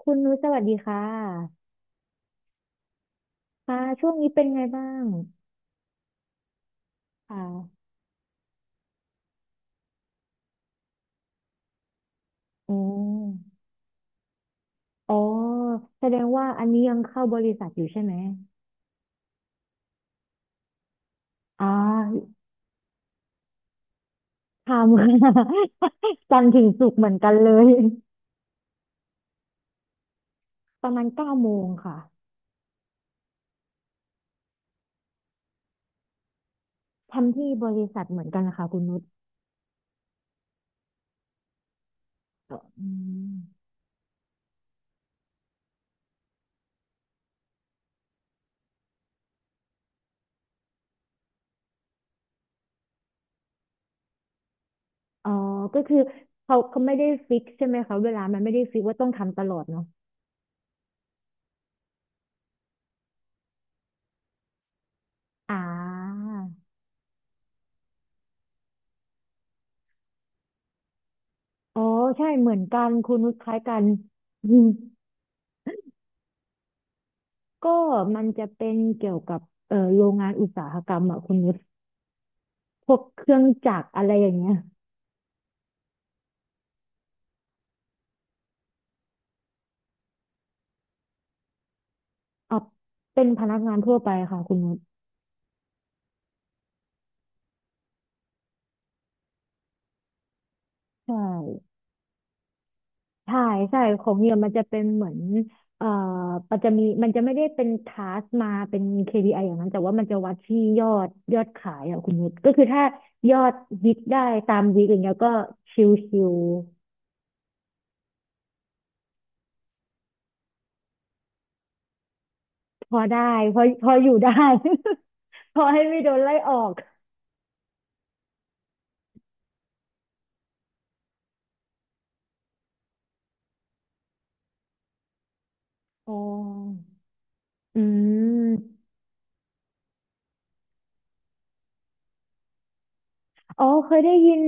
คุณนุชสวัสดีค่ะค่ะช่วงนี้เป็นไงบ้างค่ะอืมอ๋อแสดงว่าอันนี้ยังเข้าบริษัทอยู่ใช่ไหมอ่าทำ ค่ะ จันทร์ถึงศุกร์เหมือนกันเลยประมาณเก้าโมงค่ะทำที่บริษัทเหมือนกันนะคะคุณนุชอืมอ๋อก็คือเขาไม่ได้ฟิกใช่ไหมคะเวลามันไม่ได้ฟิกว่าต้องทำตลอดเนาะอ่าอ๋อใช่เหมือนกันคุณนุชคล้ายกัน ก็มันจะเป็นเกี่ยวกับโรงงานอุตสาหกรรมอะคุณนุชพวกเครื่องจักรอะไรอย่างเงี้ยเเป็นพนักงานทั่วไปค่ะคุณนุชใช่ใช่ใช่ของเนี่ยมันจะเป็นเหมือนเอ่อมันจะไม่ได้เป็นทาสมาเป็น KPI ออย่างนั้นแต่ว่ามันจะวัดที่ยอดขายอะคุณนุชก็คือถ้ายอดวิกได้ตามวิกอย่างเงี้ยก็ชิวๆพอได้พออยู่ได้ พอให้ไม่โดนไล่ออกอ๋ออืม อ๋อเคยได้ยิน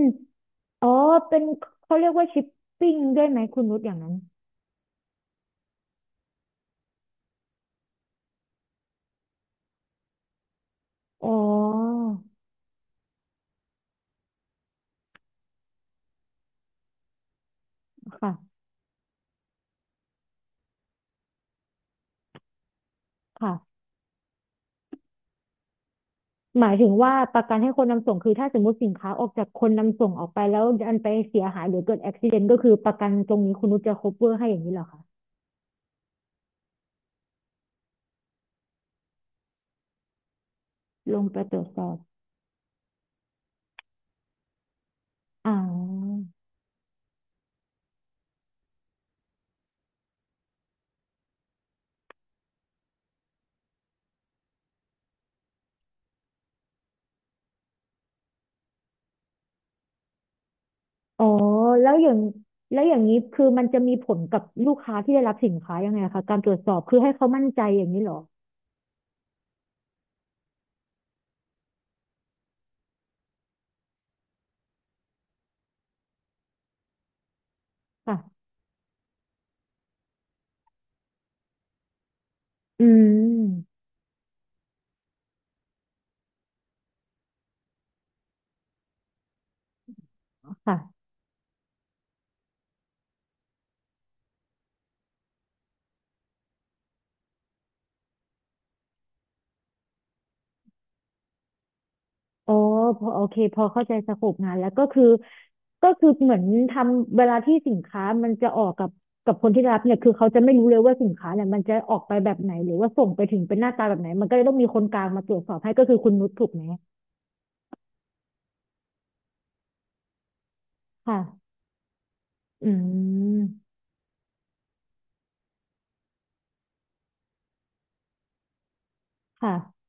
อ๋อเป็นเขาเรียกว่าชิปปิ้งด้วยไหมคุณนุชอย่างนั้นอ๋อค่ะค่ะหมายถึงว่าประกันให้คนนำส่งคือถ้าสมมติสินค้าออกจากคนนำส่งออกไปแล้วอันไปเสียหายหรือเกิดอุบัติเหตุก็คือประกันตรงนี้คุณนุชจะ cover ให้อย่างนี้เหรอคะลงไปตรวจสอบอ๋ออ๋อแล้วอย่างแล้วอย่างนี้คือมันจะมีผลกับลูกค้าที่ได้รับสินค้ายังไงคะการตรวจสอบคือให้เขามั่นใจอย่างนี้เหรอค่ะอืมค่ะ อ๋อพอโอเคพอเข้าใจสโคปงานแล้วก็คือก็คือเหมือนทำเวลาที่สินค้ามันจะออกกับคนที่รับเนี่ยคือเขาจะไม่รู้เลยว่าสินค้าเนี่ยมันจะออกไปแบบไหนหรือว่าส่งไปถึงเป็นหน้าตาแบบไหนมันก็เลยต้องมีคนกลางมาตรวจสอบให้ก็คือคุณนุชถูกไหมค่ะอืมค่ะ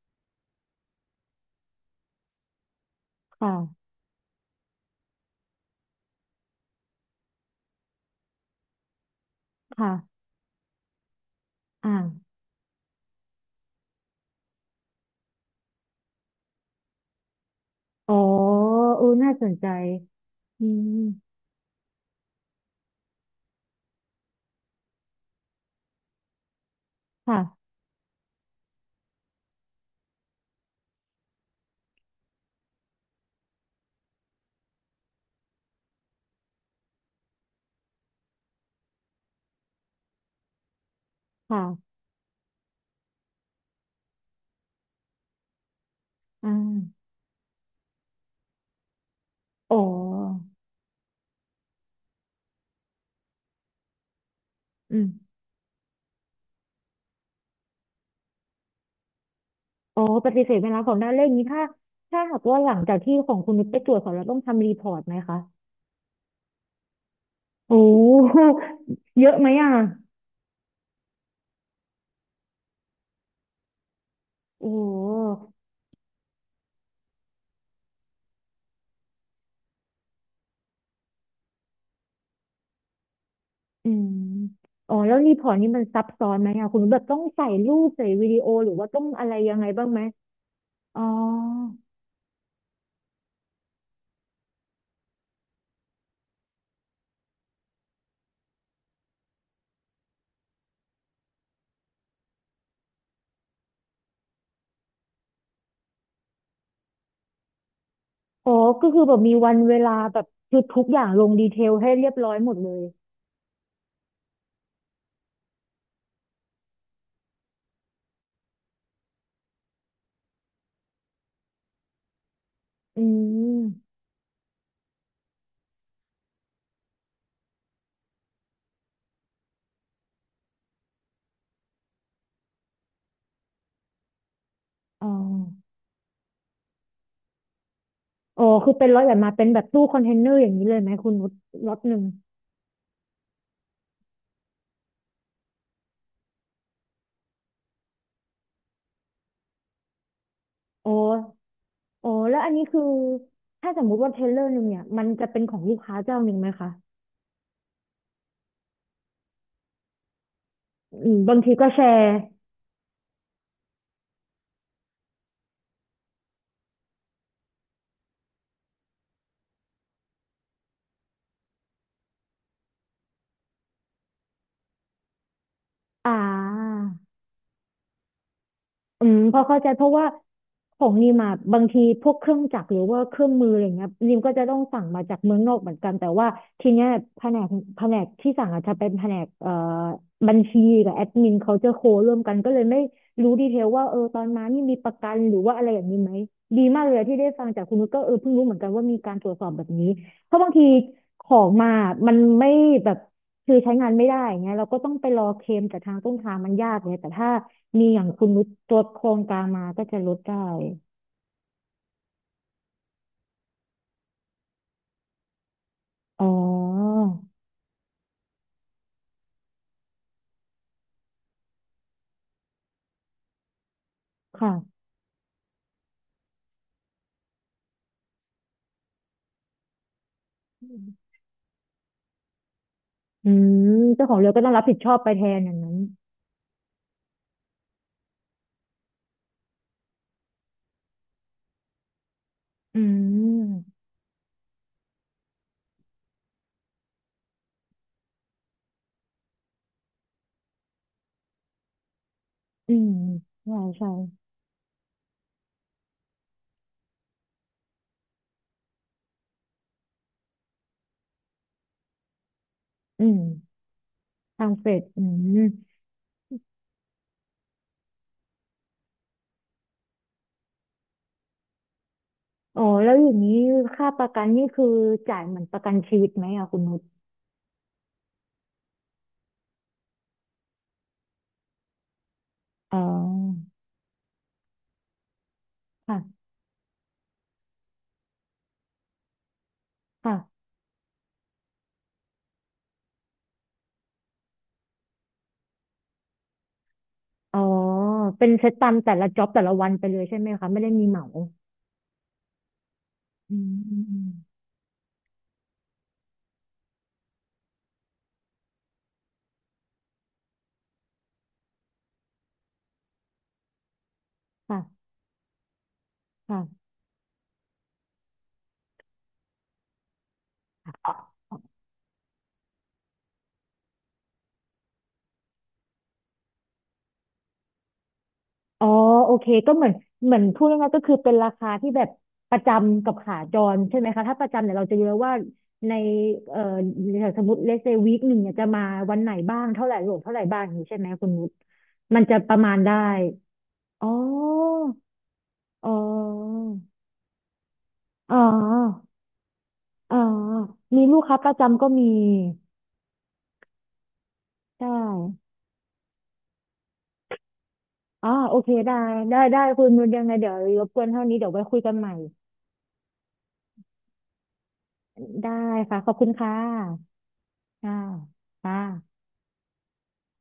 ค่ะค่ะอ่าอ๋อเออน่าสนใจอืมค่ะค่ะอ่าอ๋ออืม อ๋อปฏิเสธไม่รับของหน้าเลขนี้ถ้าถ้าหากว่าหลังจากที่ของคุณนุชไปตรวจสอบแล้วต้องทำรีพอร์ตไหมคะโอ้โหเยอะไหมอ่ะโอ้โหอืมอ๋อแล้วรีพอร์ตนี้มันซับซ้อนไหมอ่ะคุณนุชแบบต้องใส่รูปใส่วิดีโอหรือว่าต้องอะไรยังไงบ้างไหมอ๋ออ๋อก็คือแบบมีวันเวลาแบบคือทุกอย่างลงดีเทลให้เรียบร้อยหมดเลยอืมอ๋ออ๋อคือเป็นร้อยแบบมาเป็นแบบตู้คอนเทนเนอร์อย่างนี้เลยไหมคุณนุชล็อตหนึ่งโอ้ อ๋อแล้วอันนี้คือถ้าสมมุติว่าเทเลอร์หนึ่งเนี่ยมันจะเป็นของลูกค้าเจ้าหนึ่งไหมคะอืมบางทีก็แชร์อ่า อืมพอเข้าใจเพราะว่าของนิมอะบางทีพวกเครื่องจักรหรือว่าเครื่องมืออะไรเงี้ยนิมก็จะต้องสั่งมาจากเมืองนอกเหมือนกันแต่ว่าทีเนี้ยแผนกแผนกที่สั่งอาจจะเป็นแผนกบัญชีกับแอดมินเขาจะโคร่วมกันก็เลยไม่รู้ดีเทลว่าเออตอนมานี่มีประกันหรือว่าอะไรอย่างนี้ไหมดีมากเลยที่ได้ฟังจากคุณนุชก็เออเพิ่งรู้เหมือนกันว่ามีการตรวจสอบแบบนี้เพราะบางทีของมามันไม่แบบคือใช้งานไม่ได้เงี้ยเราก็ต้องไปรอเคลมจากทางต้นทางมันยากเลยแต่ถ้า มีอย่างคุณนุชลดโครงการมาก็จะลดได้อ๋อค่ะอืมเจ้าของเรือก็ต้องรับผิดชอบไปแทนอย่างนั้นอืมอืมใช่ใช่อืมทางเฟดอืมอ๋อแล้วอย่างนี้ค่าประกันนี่คือจ่ายเหมือนประกันชีวิตไหมอะคุณนุชอ๋อค่ะค่ะอ๋อเป็นเซตตามแต่ละจ็อบแต่ละวันไปเลยใช่ไหมคะไม่ได้มีเหมาอืมอืมอืมค่ะค่ะ อ๋อโอเคก็เหมือนเหมือนพูดง่ายๆก็คือเป็นราคาที่แบบประจำกับขาจรใช่ไหมคะถ้าประจำเนี่ยเราจะเยอะว่าในเอ่อสมมติเลเซวีคหนึ่งเนี่ยจะมาวันไหนบ้างเท่าไหร่รวมเท่าไหร่บ้างอย่างนี้ใช่ไหมคุณนุชมันจะประมาณได้อ๋ออ๋ออ๋ออ๋อมีลูกค้าประจำก็มีใช่อ๋อโอเคได้ได้คุณนุชยังไงเดี๋ยวรบกวนเท่านี้เดี๋ยวไว้คุยกันใหม่ได้ค่ะขอบคุณค่ะค่ะค่ะ